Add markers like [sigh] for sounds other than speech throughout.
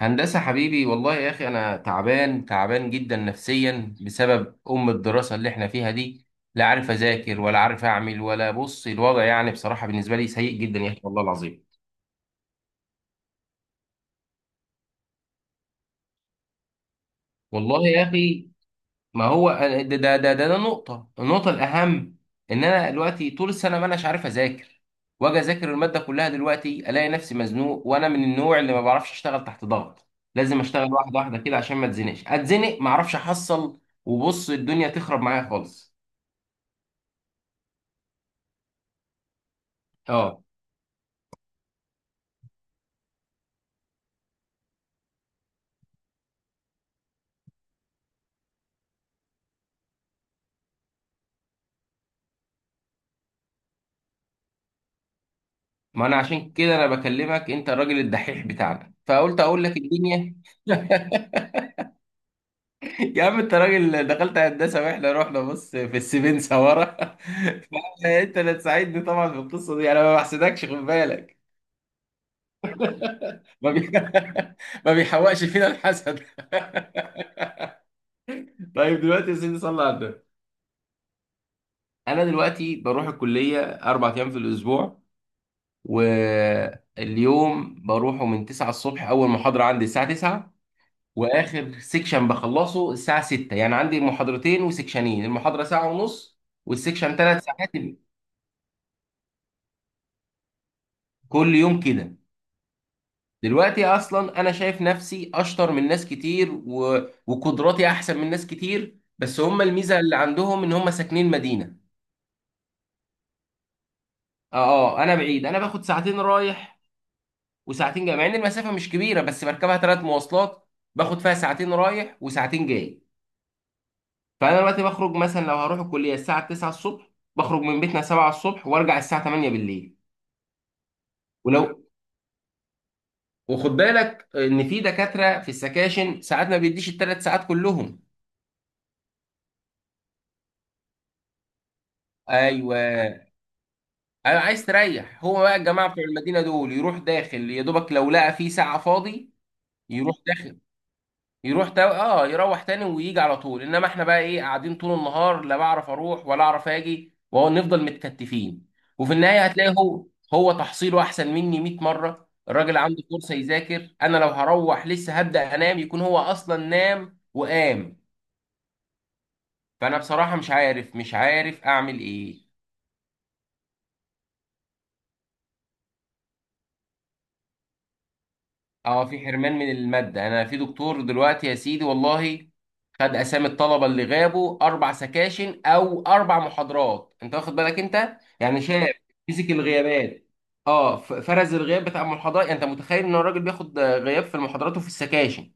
هندسة حبيبي والله يا أخي أنا تعبان تعبان جدا نفسيا بسبب الدراسة اللي إحنا فيها دي. لا عارف أذاكر ولا عارف أعمل، ولا بص الوضع يعني بصراحة بالنسبة لي سيء جدا يا أخي والله العظيم. والله يا أخي، ما هو ده نقطة الأهم. إن أنا دلوقتي طول السنة ما أناش عارف أذاكر، وأجي أذاكر المادة كلها دلوقتي ألاقي نفسي مزنوق، وأنا من النوع اللي ما بعرفش أشتغل تحت ضغط. لازم أشتغل واحدة واحدة كده عشان ما أتزنقش، أتزنق ما أعرفش أحصل. وبص الدنيا تخرب معايا خالص. اه، ما انا عشان كده انا بكلمك، انت الراجل الدحيح بتاعنا، فقلت اقول لك الدنيا. [laughs] يا عم انت راجل دخلت هندسه واحنا رحنا بص في السيفين سوارة. [laughs] فانت اللي تساعدني طبعا في القصه دي، انا ما بحسدكش خد بالك. ما بي... [laughs] ما بيحوقش فينا الحسد. [laughs] طيب دلوقتي يا سيدي صلى على النبي. انا دلوقتي بروح الكليه اربع ايام في الاسبوع، واليوم بروحه من 9 الصبح، اول محاضره عندي الساعه 9، واخر سيكشن بخلصه الساعه 6، يعني عندي محاضرتين وسيكشنين، المحاضره ساعه ونص والسيكشن ثلاث ساعات. كل يوم كده. دلوقتي اصلا انا شايف نفسي اشطر من ناس كتير وقدراتي احسن من ناس كتير، بس هم الميزه اللي عندهم ان هم ساكنين مدينه. اه انا بعيد، انا باخد ساعتين رايح وساعتين جاي، مع ان المسافه مش كبيره بس بركبها ثلاث مواصلات، باخد فيها ساعتين رايح وساعتين جاي. فانا دلوقتي بخرج مثلا لو هروح الكليه الساعه 9 الصبح، بخرج من بيتنا 7 الصبح وارجع الساعه 8 بالليل. ولو وخد بالك ان في دكاتره في السكاشن ساعات ما بيديش الثلاث ساعات كلهم. ايوه انا عايز تريح، هو بقى الجماعه بتوع المدينه دول يروح داخل يا دوبك لو لقى في ساعه فاضي، يروح، يروح تا... اه يروح تاني ويجي على طول، انما احنا بقى ايه قاعدين طول النهار لا بعرف اروح ولا اعرف اجي ونفضل متكتفين. وفي النهايه هتلاقي هو تحصيله احسن مني 100 مره، الراجل عنده فرصه يذاكر، انا لو هروح لسه هبدا انام يكون هو اصلا نام وقام. فانا بصراحه مش عارف اعمل ايه. اه في حرمان من المادة، يعني انا في دكتور دلوقتي يا سيدي والله، خد اسامي الطلبة اللي غابوا اربع سكاشن او اربع محاضرات، انت واخد بالك انت يعني شاب مسك الغيابات. اه فرز الغياب بتاع المحاضرات، يعني انت متخيل ان الراجل بياخد غياب في المحاضرات وفي السكاشن.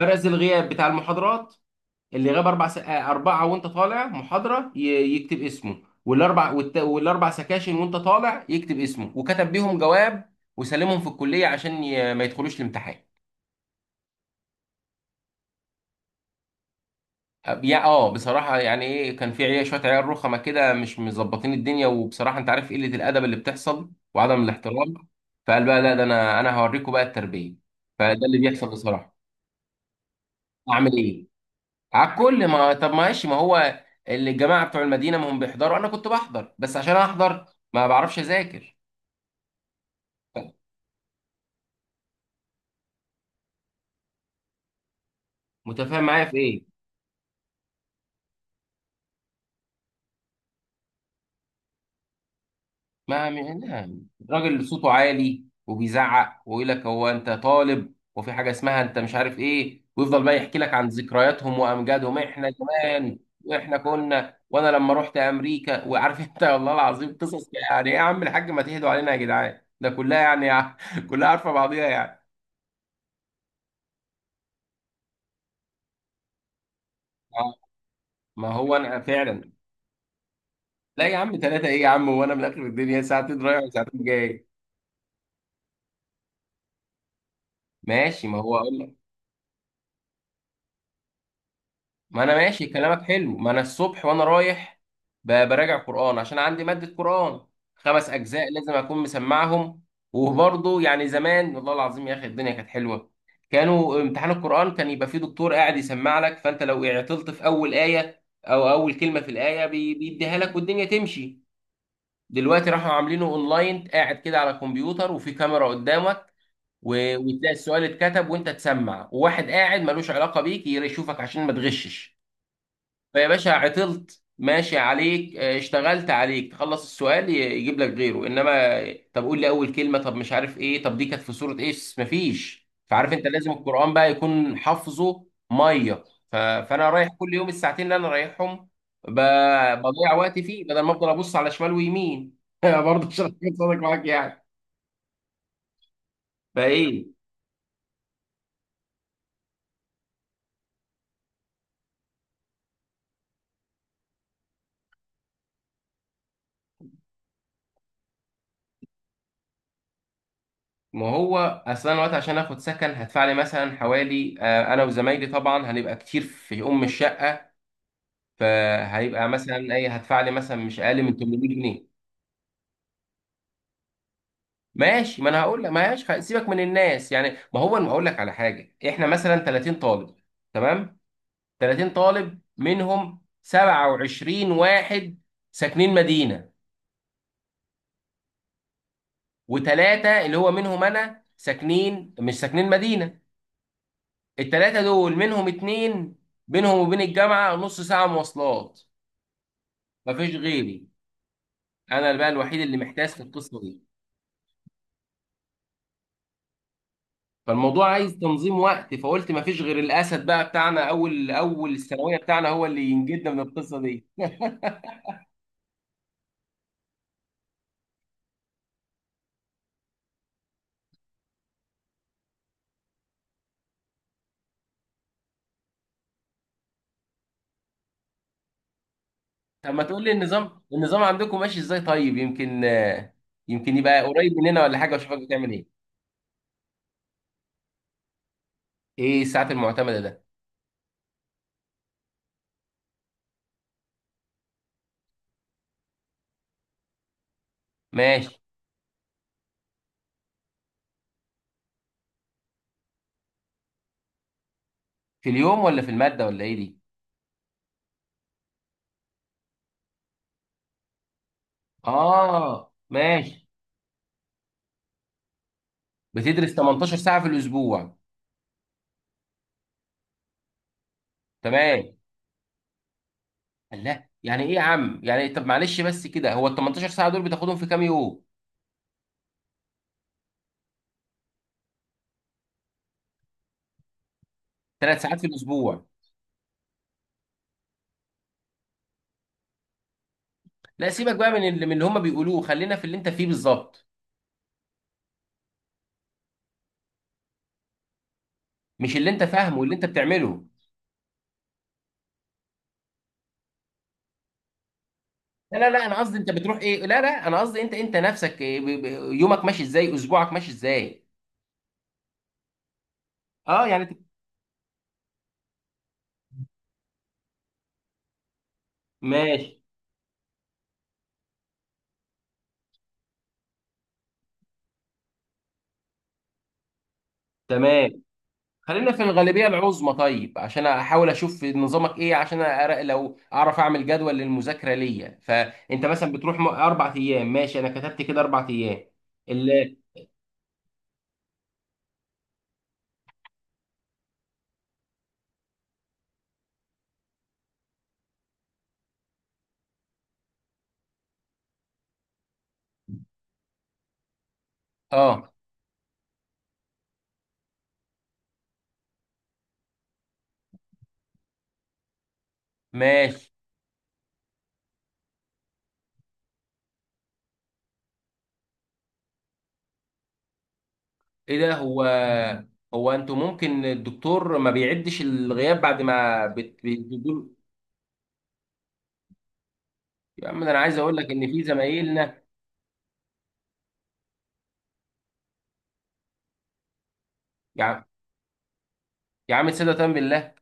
فرز الغياب بتاع المحاضرات، اللي غاب اربع س... آه، اربعة، وانت طالع محاضرة يكتب اسمه، والاربع سكاشن وانت طالع يكتب اسمه، وكتب بيهم جواب وسلمهم في الكلية عشان ما يدخلوش الامتحان. يا اه بصراحة، يعني ايه، كان في عيال، شوية عيال رخمة كده مش مظبطين الدنيا، وبصراحة انت عارف قلة الأدب اللي بتحصل وعدم الاحترام. فقال بقى لا ده، انا هوريكم بقى التربية. فده اللي بيحصل بصراحة. اعمل ايه؟ على الكل، ما طب ماشي، ما هو اللي الجماعة بتوع المدينة ما هم بيحضروا، انا كنت بحضر بس عشان احضر، ما بعرفش اذاكر. متفاهم معايا في ايه؟ ما نعم الراجل اللي صوته عالي وبيزعق ويقول لك هو انت طالب وفي حاجه اسمها انت مش عارف ايه، ويفضل بقى يحكي لك عن ذكرياتهم وامجادهم، احنا زمان واحنا كنا، وانا لما رحت امريكا، وعارف انت [laughs] والله العظيم قصص، يعني ايه يا عم الحاج ما تهدوا علينا يا جدعان، ده كلها يعني [laughs] كلها عارفه بعضيها يعني. آه، ما هو انا فعلا، لا يا عم ثلاثه ايه يا عم، وانا من اخر الدنيا ساعتين رايح وساعتين جاي. ماشي، ما هو، ما انا ماشي كلامك حلو، ما انا الصبح وانا رايح براجع قرآن عشان عندي مادة قرآن، خمس اجزاء لازم اكون مسمعهم. وبرضه يعني زمان والله العظيم يا اخي الدنيا كانت حلوة، كانوا امتحان القرآن كان يبقى فيه دكتور قاعد يسمع لك، فانت لو عطلت في اول آية او اول كلمة في الآية بيديها لك والدنيا تمشي. دلوقتي راحوا عاملينه اونلاين، قاعد كده على الكمبيوتر وفي كاميرا قدامك، وتلاقي السؤال اتكتب وانت تسمع، وواحد قاعد ملوش علاقة بيك يشوفك عشان ما تغشش. فيا باشا عطلت ماشي عليك، آه، اشتغلت عليك تخلص السؤال يجيب لك غيره، انما طب قول لي اول كلمه، طب مش عارف ايه، طب دي كانت في سوره ايه، مفيش. فعارف انت لازم القران بقى يكون حافظه ميه؟ فانا رايح كل يوم الساعتين اللي انا رايحهم ب... بضيع وقتي فيه بدل ما افضل ابص على شمال ويمين. [laughs] برضه مش هكون صادق معاك يعني. فايه، ما هو اصلا الوقت، عشان اخد سكن هدفع لي مثلا حوالي، آه، انا وزمايلي طبعا هنبقى كتير في الشقه، فهيبقى مثلا ايه هدفع لي مثلا مش اقل من 800 جنيه. ماشي، ما انا هقول لك ماشي، سيبك من الناس يعني، ما هو انا هقول لك على حاجه، احنا مثلا 30 طالب، تمام، 30 طالب منهم 27 واحد ساكنين مدينه، وثلاثه اللي هو منهم انا ساكنين مش ساكنين مدينه. الثلاثه دول منهم اتنين بينهم وبين الجامعه نص ساعه مواصلات، مفيش غيري، انا بقى الوحيد اللي محتاس في القصه. فالموضوع عايز تنظيم وقت، فقلت ما فيش غير الاسد بقى بتاعنا اول اول الثانويه بتاعنا هو اللي ينجدنا من القصه دي. [laughs] طب ما تقول لي النظام، عندكم ماشي ازاي؟ طيب يمكن، آه، يمكن يبقى قريب مننا ولا حاجه واشوفك بتعمل ايه. ايه الساعات المعتمده ده؟ ماشي. في اليوم ولا في الماده ولا ايه دي؟ اه ماشي. بتدرس 18 ساعه في الاسبوع. تمام. الله يعني ايه يا عم، يعني طب معلش بس كده، هو ال 18 ساعه دول بتاخدهم في كام يوم؟ ثلاث ساعات في الاسبوع. لا سيبك بقى من اللي هم بيقولوه، خلينا في اللي انت فيه بالظبط. مش اللي انت فاهمه واللي انت بتعمله. لا، انا قصدي انت بتروح ايه، لا لا انا قصدي انت انت نفسك إيه يومك ماشي ازاي، اسبوعك ماشي ازاي. اه يعني ماشي، تمام. خلينا في الغالبية العظمى، طيب عشان احاول اشوف نظامك ايه عشان أرى لو اعرف اعمل جدول للمذاكرة ليا، فانت مثلا بتروح اربع ايام، ماشي، انا كتبت كده اربع ايام. ال- اه ماشي. ايه ده؟ هو هو انتوا ممكن الدكتور ما بيعدش الغياب بعد ما بتدوا له؟ يا عم ده انا عايز اقول لك ان في زمايلنا، يا عم يا عم صدقة بالله،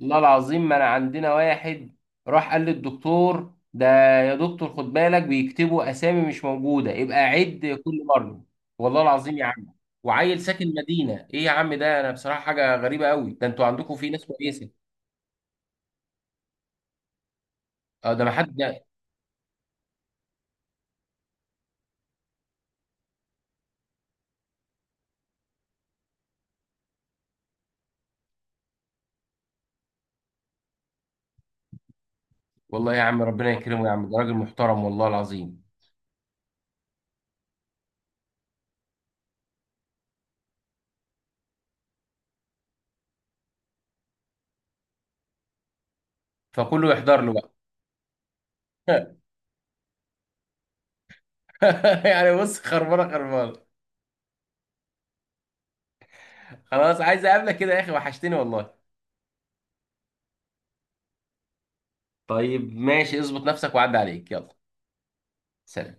والله العظيم ما انا عندنا واحد راح قال للدكتور ده، يا دكتور خد بالك بيكتبوا اسامي مش موجوده، يبقى عد كل مره. والله العظيم يا عم. وعيل ساكن مدينه ايه يا عم، ده انا بصراحه حاجه غريبه قوي، ده انتوا عندكم في ناس كويسه. اه ده ما حد. والله يا عم ربنا يكرمه يا عم، ده راجل محترم والله العظيم. فكله يحضر له بقى. [laughs] يعني بص خربانه خربانه. خلاص عايز اقابلك كده يا اخي، وحشتني والله. طيب ماشي، اظبط نفسك وعدي عليك، يلا. سلام.